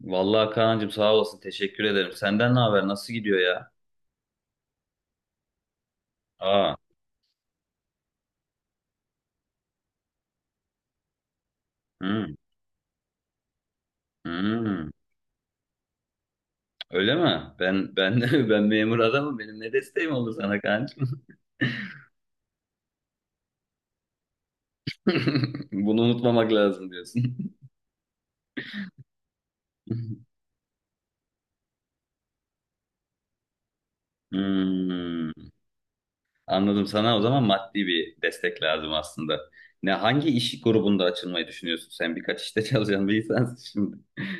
Vallahi Kaan'cığım sağ olasın. Teşekkür ederim. Senden ne haber? Nasıl gidiyor ya? Aa. Hmm, hmm. Öyle mi? Ben ben memur adamım. Benim ne desteğim oldu sana Kaan'cığım? Bunu unutmamak lazım diyorsun. Hmm, anladım. Sana o zaman maddi bir destek lazım aslında. Ne hangi iş grubunda açılmayı düşünüyorsun? Sen birkaç işte çalışan bir insansın şimdi.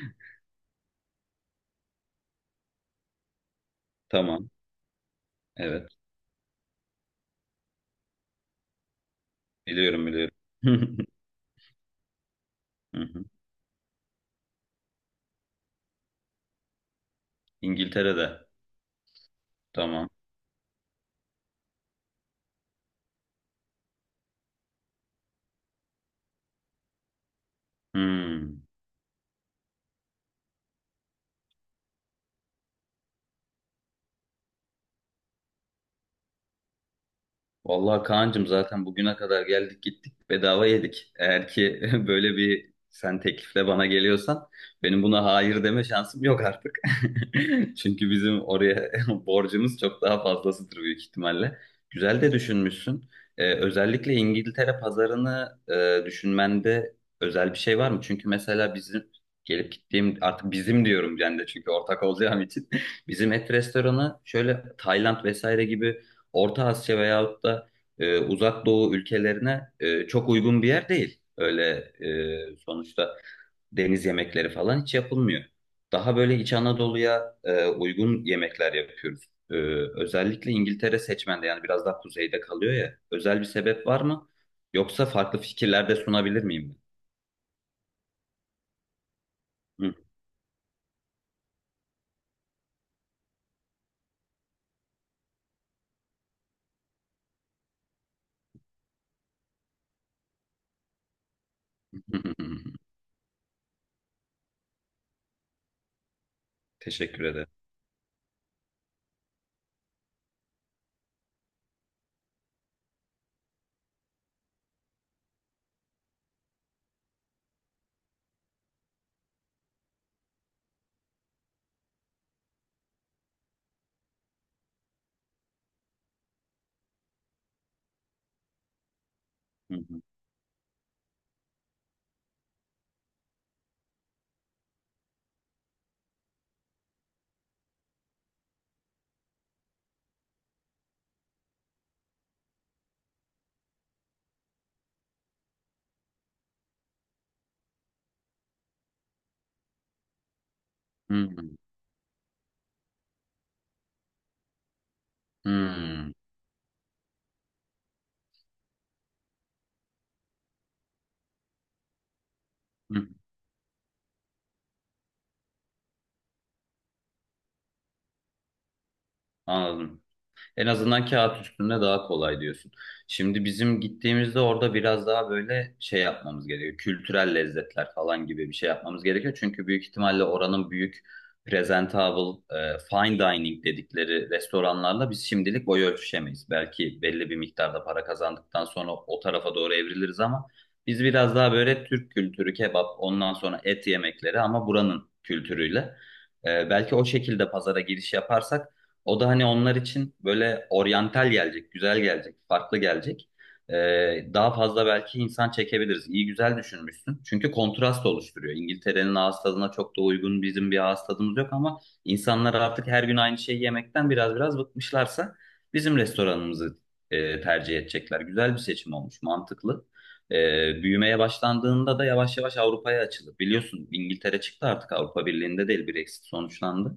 Tamam. Evet. Biliyorum biliyorum. Hı hı. İngiltere'de. Tamam. Hmm. Vallahi Kaan'cığım zaten bugüne kadar geldik gittik bedava yedik. Eğer ki böyle bir sen teklifle bana geliyorsan benim buna hayır deme şansım yok artık. Çünkü bizim oraya borcumuz çok daha fazlasıdır büyük ihtimalle. Güzel de düşünmüşsün. Özellikle İngiltere pazarını düşünmende özel bir şey var mı? Çünkü mesela bizim gelip gittiğim artık bizim diyorum ben de çünkü ortak olacağım için. Bizim et restoranı şöyle Tayland vesaire gibi Orta Asya veyahut da Uzak Doğu ülkelerine çok uygun bir yer değil. Öyle sonuçta deniz yemekleri falan hiç yapılmıyor. Daha böyle İç Anadolu'ya uygun yemekler yapıyoruz. E, özellikle İngiltere seçmende yani biraz daha kuzeyde kalıyor ya. Özel bir sebep var mı? Yoksa farklı fikirlerde sunabilir miyim ben? Hı. Teşekkür ederim. Hı hı. Hı hı. Hı hı. Anladım. En azından kağıt üstünde daha kolay diyorsun. Şimdi bizim gittiğimizde orada biraz daha böyle şey yapmamız gerekiyor. Kültürel lezzetler falan gibi bir şey yapmamız gerekiyor. Çünkü büyük ihtimalle oranın büyük presentable, fine dining dedikleri restoranlarla biz şimdilik boy ölçüşemeyiz. Belki belli bir miktarda para kazandıktan sonra o tarafa doğru evriliriz ama biz biraz daha böyle Türk kültürü, kebap, ondan sonra et yemekleri ama buranın kültürüyle. Belki o şekilde pazara giriş yaparsak o da hani onlar için böyle oryantal gelecek, güzel gelecek, farklı gelecek. Daha fazla belki insan çekebiliriz. İyi güzel düşünmüşsün. Çünkü kontrast oluşturuyor. İngiltere'nin ağız tadına çok da uygun bizim bir ağız tadımız yok ama insanlar artık her gün aynı şeyi yemekten biraz bıkmışlarsa bizim restoranımızı tercih edecekler. Güzel bir seçim olmuş, mantıklı. Büyümeye başlandığında da yavaş yavaş Avrupa'ya açılır. Biliyorsun İngiltere çıktı artık Avrupa Birliği'nde değil, Brexit sonuçlandı.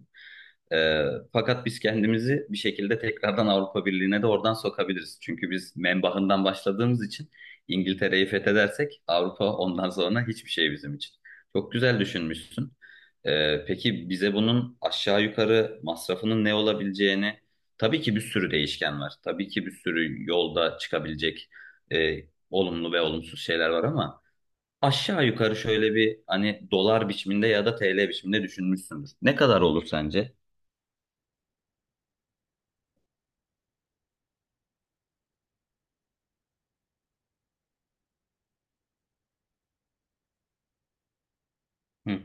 Ee, fakat biz kendimizi bir şekilde tekrardan Avrupa Birliği'ne de oradan sokabiliriz. Çünkü biz menbahından başladığımız için İngiltere'yi fethedersek Avrupa ondan sonra hiçbir şey bizim için. Çok güzel düşünmüşsün. Peki bize bunun aşağı yukarı masrafının ne olabileceğini, tabii ki bir sürü değişken var. Tabii ki bir sürü yolda çıkabilecek e, olumlu ve olumsuz şeyler var ama aşağı yukarı şöyle bir hani dolar biçiminde ya da TL biçiminde düşünmüşsündür. Ne kadar olur sence? Hı.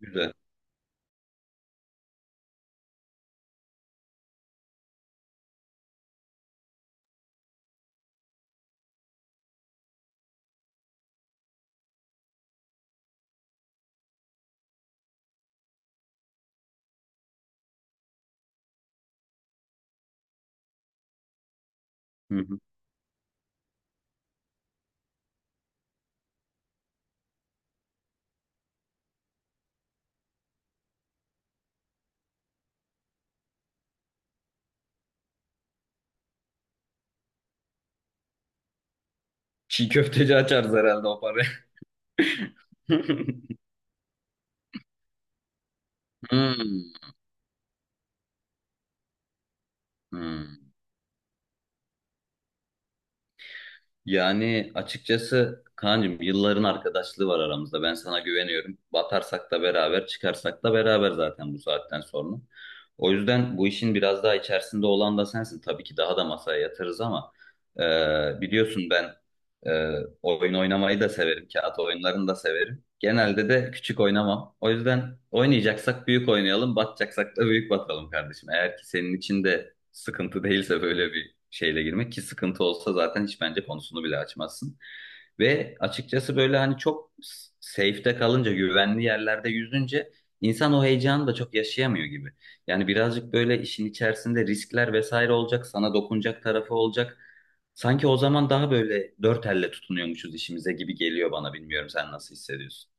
Güzel. Hı hı. Çiğ köfteci açarız herhalde o parayı. Hmm. Hmm. Yani açıkçası Kaan'cığım yılların arkadaşlığı var aramızda. Ben sana güveniyorum. Batarsak da beraber, çıkarsak da beraber zaten bu saatten sonra. O yüzden bu işin biraz daha içerisinde olan da sensin. Tabii ki daha da masaya yatırız ama biliyorsun ben e, oyun oynamayı da severim. Kağıt oyunlarını da severim. Genelde de küçük oynamam. O yüzden oynayacaksak büyük oynayalım, batacaksak da büyük batalım kardeşim. Eğer ki senin için de sıkıntı değilse böyle bir şeyle girmek ki sıkıntı olsa zaten hiç bence konusunu bile açmazsın. Ve açıkçası böyle hani çok safe'te kalınca, güvenli yerlerde yüzünce insan o heyecanı da çok yaşayamıyor gibi. Yani birazcık böyle işin içerisinde riskler vesaire olacak, sana dokunacak tarafı olacak. Sanki o zaman daha böyle dört elle tutunuyormuşuz işimize gibi geliyor bana. Bilmiyorum sen nasıl hissediyorsun?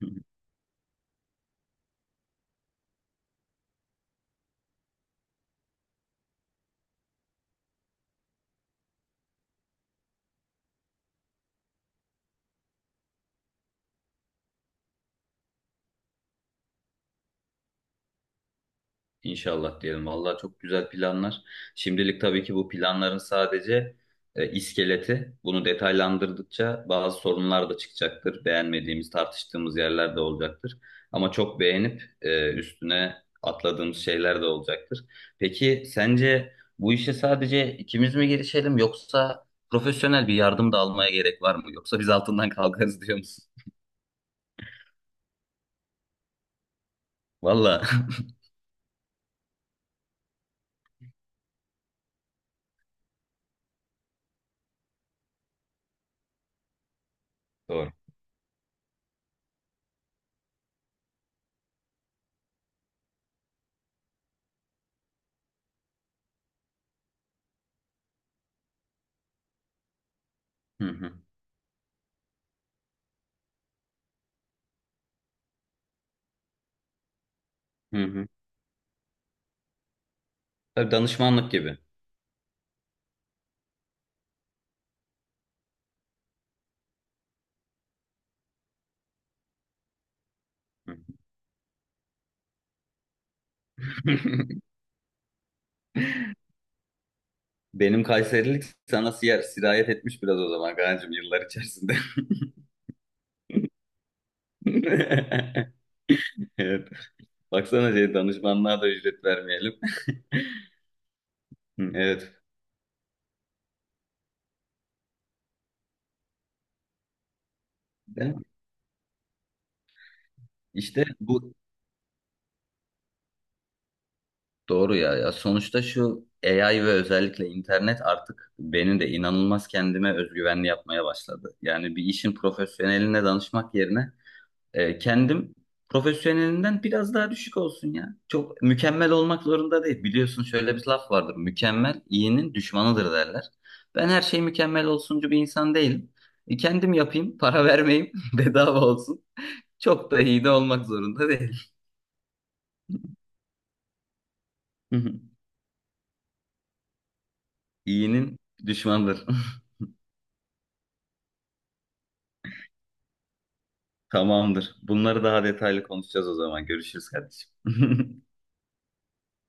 İnşallah diyelim. Vallahi çok güzel planlar. Şimdilik tabii ki bu planların sadece iskeleti. Bunu detaylandırdıkça bazı sorunlar da çıkacaktır. Beğenmediğimiz, tartıştığımız yerler de olacaktır. Ama çok beğenip üstüne atladığımız şeyler de olacaktır. Peki sence bu işe sadece ikimiz mi girişelim yoksa profesyonel bir yardım da almaya gerek var mı? Yoksa biz altından kalkarız diyor musun? Vallahi. Doğru. Hı hı. Hı hı. Tabii danışmanlık gibi. Hı. Benim Kayserilik sana sirayet etmiş biraz o zaman Kaan'cığım yıllar içerisinde. Evet. Baksana şey, danışmanlığa da ücret vermeyelim. Hı, evet. De- İşte bu doğru ya. Ya sonuçta şu AI ve özellikle internet artık beni de inanılmaz kendime özgüvenli yapmaya başladı. Yani bir işin profesyoneline danışmak yerine kendim profesyonelinden biraz daha düşük olsun ya. Çok mükemmel olmak zorunda değil. Biliyorsun şöyle bir laf vardır. Mükemmel iyinin düşmanıdır derler. Ben her şey mükemmel olsuncu bir insan değilim. Kendim yapayım, para vermeyeyim, bedava olsun. Çok da iyi de olmak zorunda değil. Hı hı. İyinin düşmanıdır. Tamamdır. Bunları daha detaylı konuşacağız o zaman. Görüşürüz kardeşim.